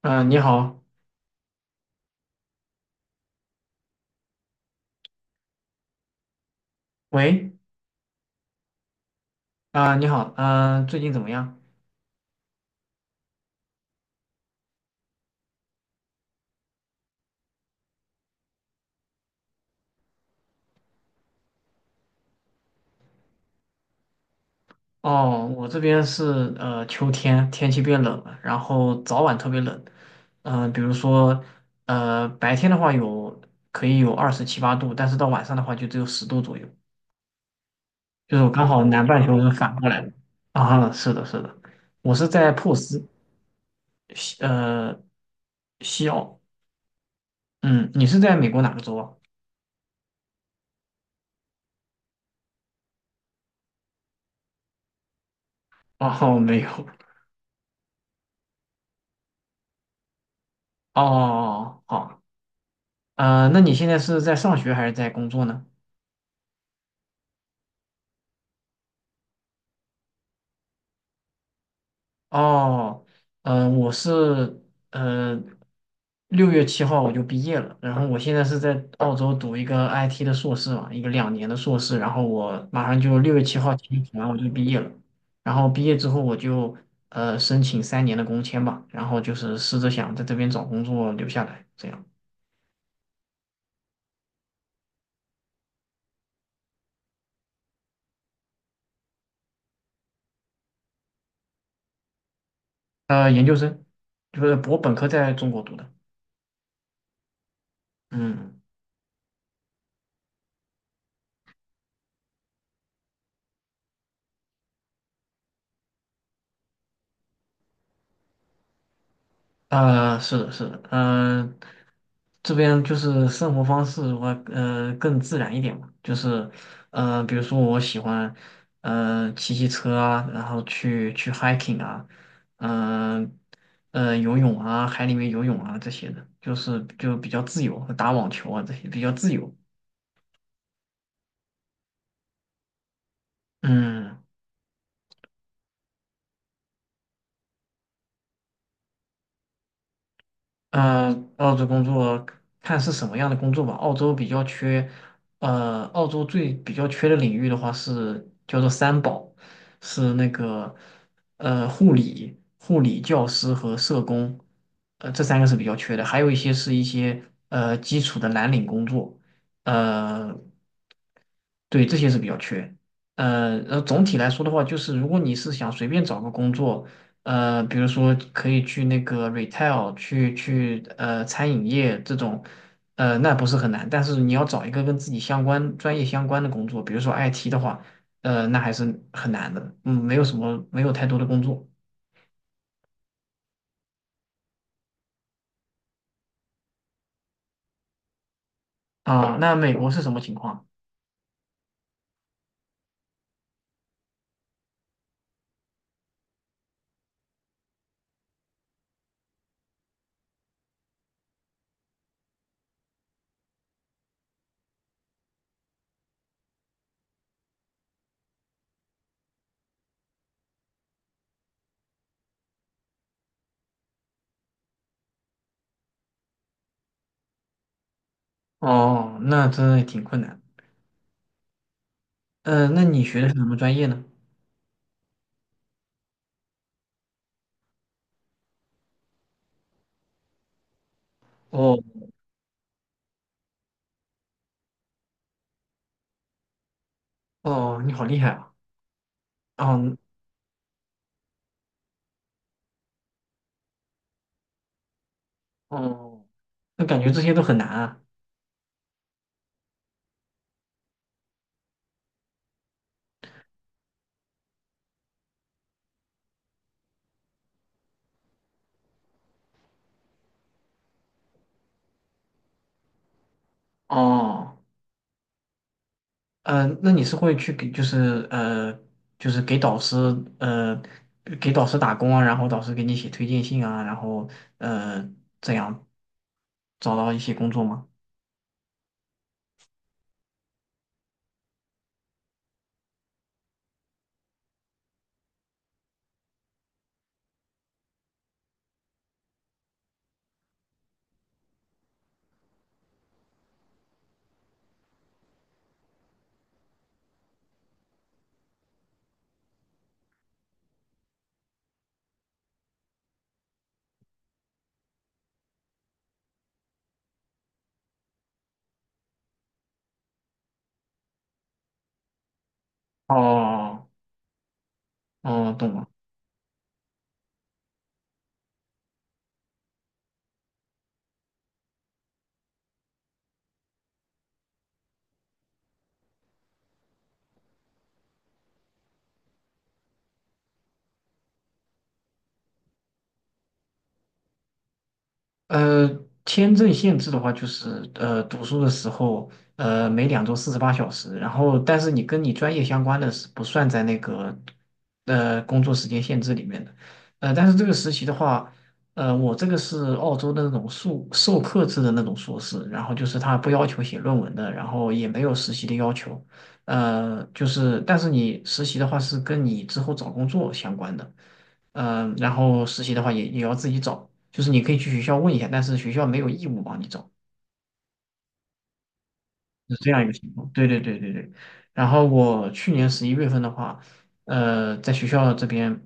你好。喂。啊，你好。嗯、最近怎么样？哦，我这边是秋天，天气变冷了，然后早晚特别冷。比如说白天的话可以有二十七八度，但是到晚上的话就只有10度左右。就是我刚好南半球是反过来的啊。是的，是的。我是在珀斯，西呃西澳。嗯，你是在美国哪个州啊？哦，没有。哦，好。啊，那你现在是在上学还是在工作呢？哦，嗯、我是呃六月七号我就毕业了，然后我现在是在澳洲读一个 IT 的硕士嘛，一个2年的硕士，然后我马上就六月七号提前完我就毕业了。然后毕业之后我就申请3年的工签吧，然后就是试着想在这边找工作留下来，这样。研究生就是我本科在中国读的。嗯。是的，是的，这边就是生活方式的话，更自然一点嘛。就是比如说我喜欢骑骑车啊，然后去 hiking 啊，嗯游泳啊，海里面游泳啊这些的，就是就比较自由，打网球啊这些比较自由。嗯。嗯，澳洲工作看是什么样的工作吧。澳洲比较缺，澳洲最比较缺的领域的话是叫做三宝，是那个护理、护理教师和社工，这三个是比较缺的。还有一些是一些基础的蓝领工作。呃对，这些是比较缺。总体来说的话，就是如果你是想随便找个工作，比如说可以去那个 retail，去餐饮业这种，那不是很难。但是你要找一个跟自己相关、专业相关的工作，比如说 IT 的话，那还是很难的。嗯，没有什么，没有太多的工作啊。那美国是什么情况？哦，那真的挺困难。嗯、那你学的是什么专业呢？哦哦，你好厉害啊！哦哦。那感觉这些都很难啊。哦，嗯，那你是会去给就是呃就是给导师呃打工啊，然后导师给你写推荐信啊，然后呃这样找到一些工作吗？哦哦，懂了。呃，签证限制的话，就是读书的时候，每2周48小时，然后但是你跟你专业相关的是不算在那个工作时间限制里面的。但是这个实习的话，我这个是澳洲的那种授课制的那种硕士，然后就是他不要求写论文的，然后也没有实习的要求。就是但是你实习的话是跟你之后找工作相关的。然后实习的话也要自己找，就是你可以去学校问一下，但是学校没有义务帮你找，是这样一个情况。对对对对对。然后我去年11月份的话，在学校这边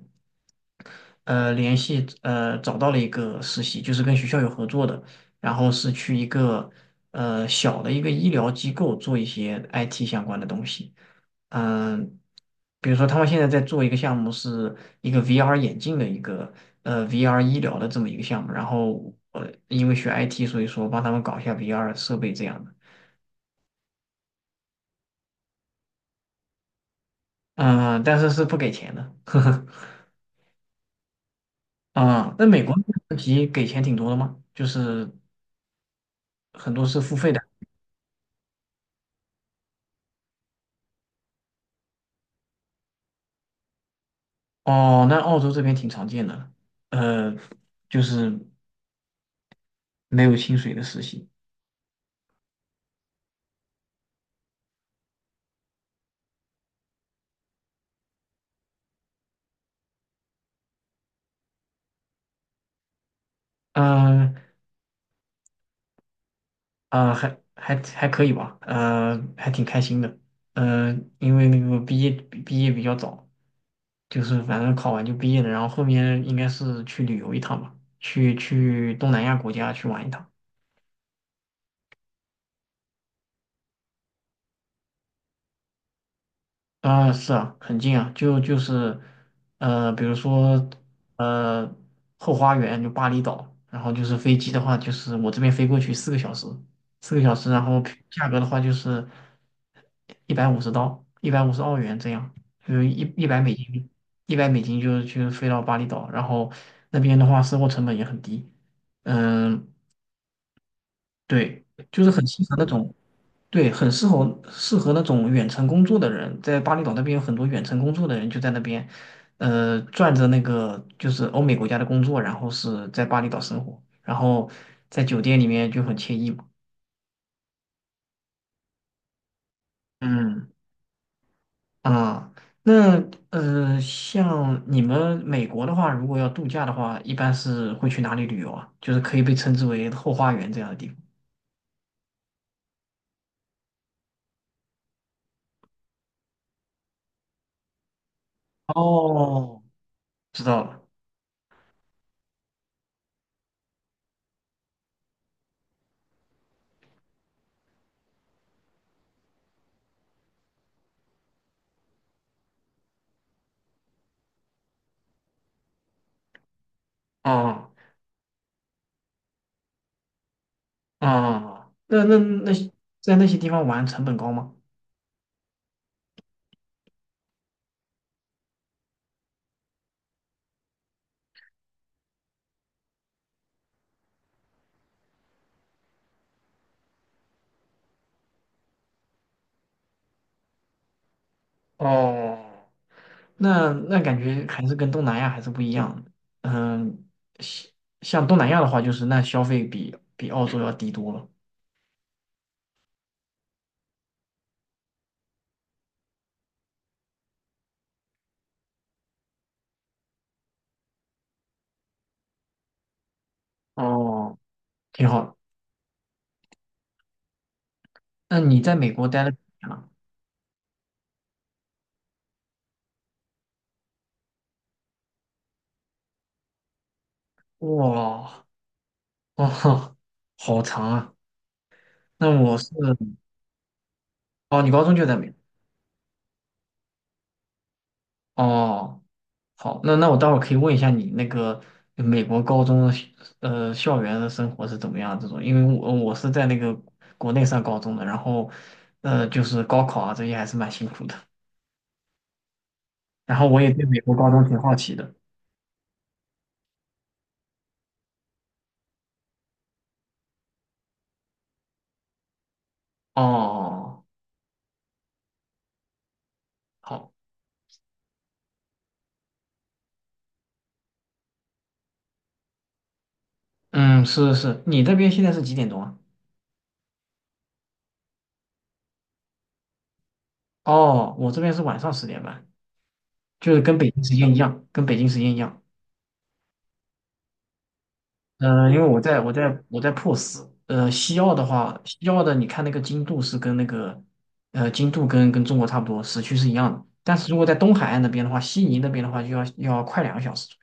联系找到了一个实习，就是跟学校有合作的，然后是去小的一个医疗机构做一些 IT 相关的东西。嗯，比如说他们现在在做一个项目，是一个 VR 眼镜的一个VR 医疗的这么一个项目，然后我因为学 IT，所以说帮他们搞一下 VR 设备这样的。嗯，但是是不给钱的，呵呵。啊，那美国实习给钱挺多的吗？就是很多是付费的。哦，那澳洲这边挺常见的，呃，就是没有薪水的实习。呃还可以吧，还挺开心的，因为那个毕业比较早，就是反正考完就毕业了，然后后面应该是去旅游一趟吧，去东南亚国家去玩一趟。啊，是啊，很近啊，就是，比如说，呃，后花园就巴厘岛，然后就是飞机的话，就是我这边飞过去四个小时，四个小时，然后价格的话就是150刀，150澳元这样，就是一百美金，一百美金就飞到巴厘岛，然后那边的话生活成本也很低。嗯，对，就是很适合那种。对，很适合那种远程工作的人，在巴厘岛那边有很多远程工作的人就在那边，赚着那个就是欧美国家的工作，然后是在巴厘岛生活，然后在酒店里面就很惬意嘛。嗯。啊，那像你们美国的话，如果要度假的话，一般是会去哪里旅游啊？就是可以被称之为后花园这样的地方。哦，知道了。哦，哦，那在那些地方玩成本高吗？哦，那感觉还是跟东南亚还是不一样的。嗯，像像东南亚的话，就是那消费比澳洲要低多了。哦，挺好。那你在美国待了几年了？哇，哦，好长啊。那我是。哦，你高中就在美国哦。好，那我待会儿可以问一下你那个美国高中的校园的生活是怎么样这种，因为我是在那个国内上高中的，然后就是高考啊这些还是蛮辛苦的，然后我也对美国高中挺好奇的。哦，好，嗯，是是，你那边现在是几点钟啊？哦，我这边是晚上10点半，就是跟北京时间一样，跟北京时间一样。因为我在 POS，西澳的话，西澳的你看那个经度是跟那个，经度跟中国差不多，时区是一样的。但是如果在东海岸那边的话，悉尼那边的话就要快2个小时左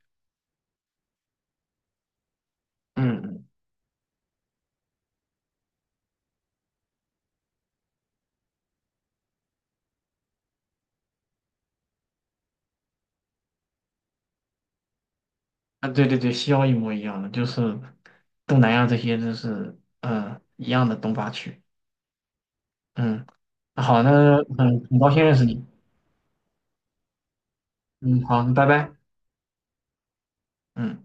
右。嗯嗯。啊，对对对，西澳一模一样的，就是东南亚这些都是一样的东八区。嗯，好，那很高兴认识你。嗯，好，拜拜。嗯。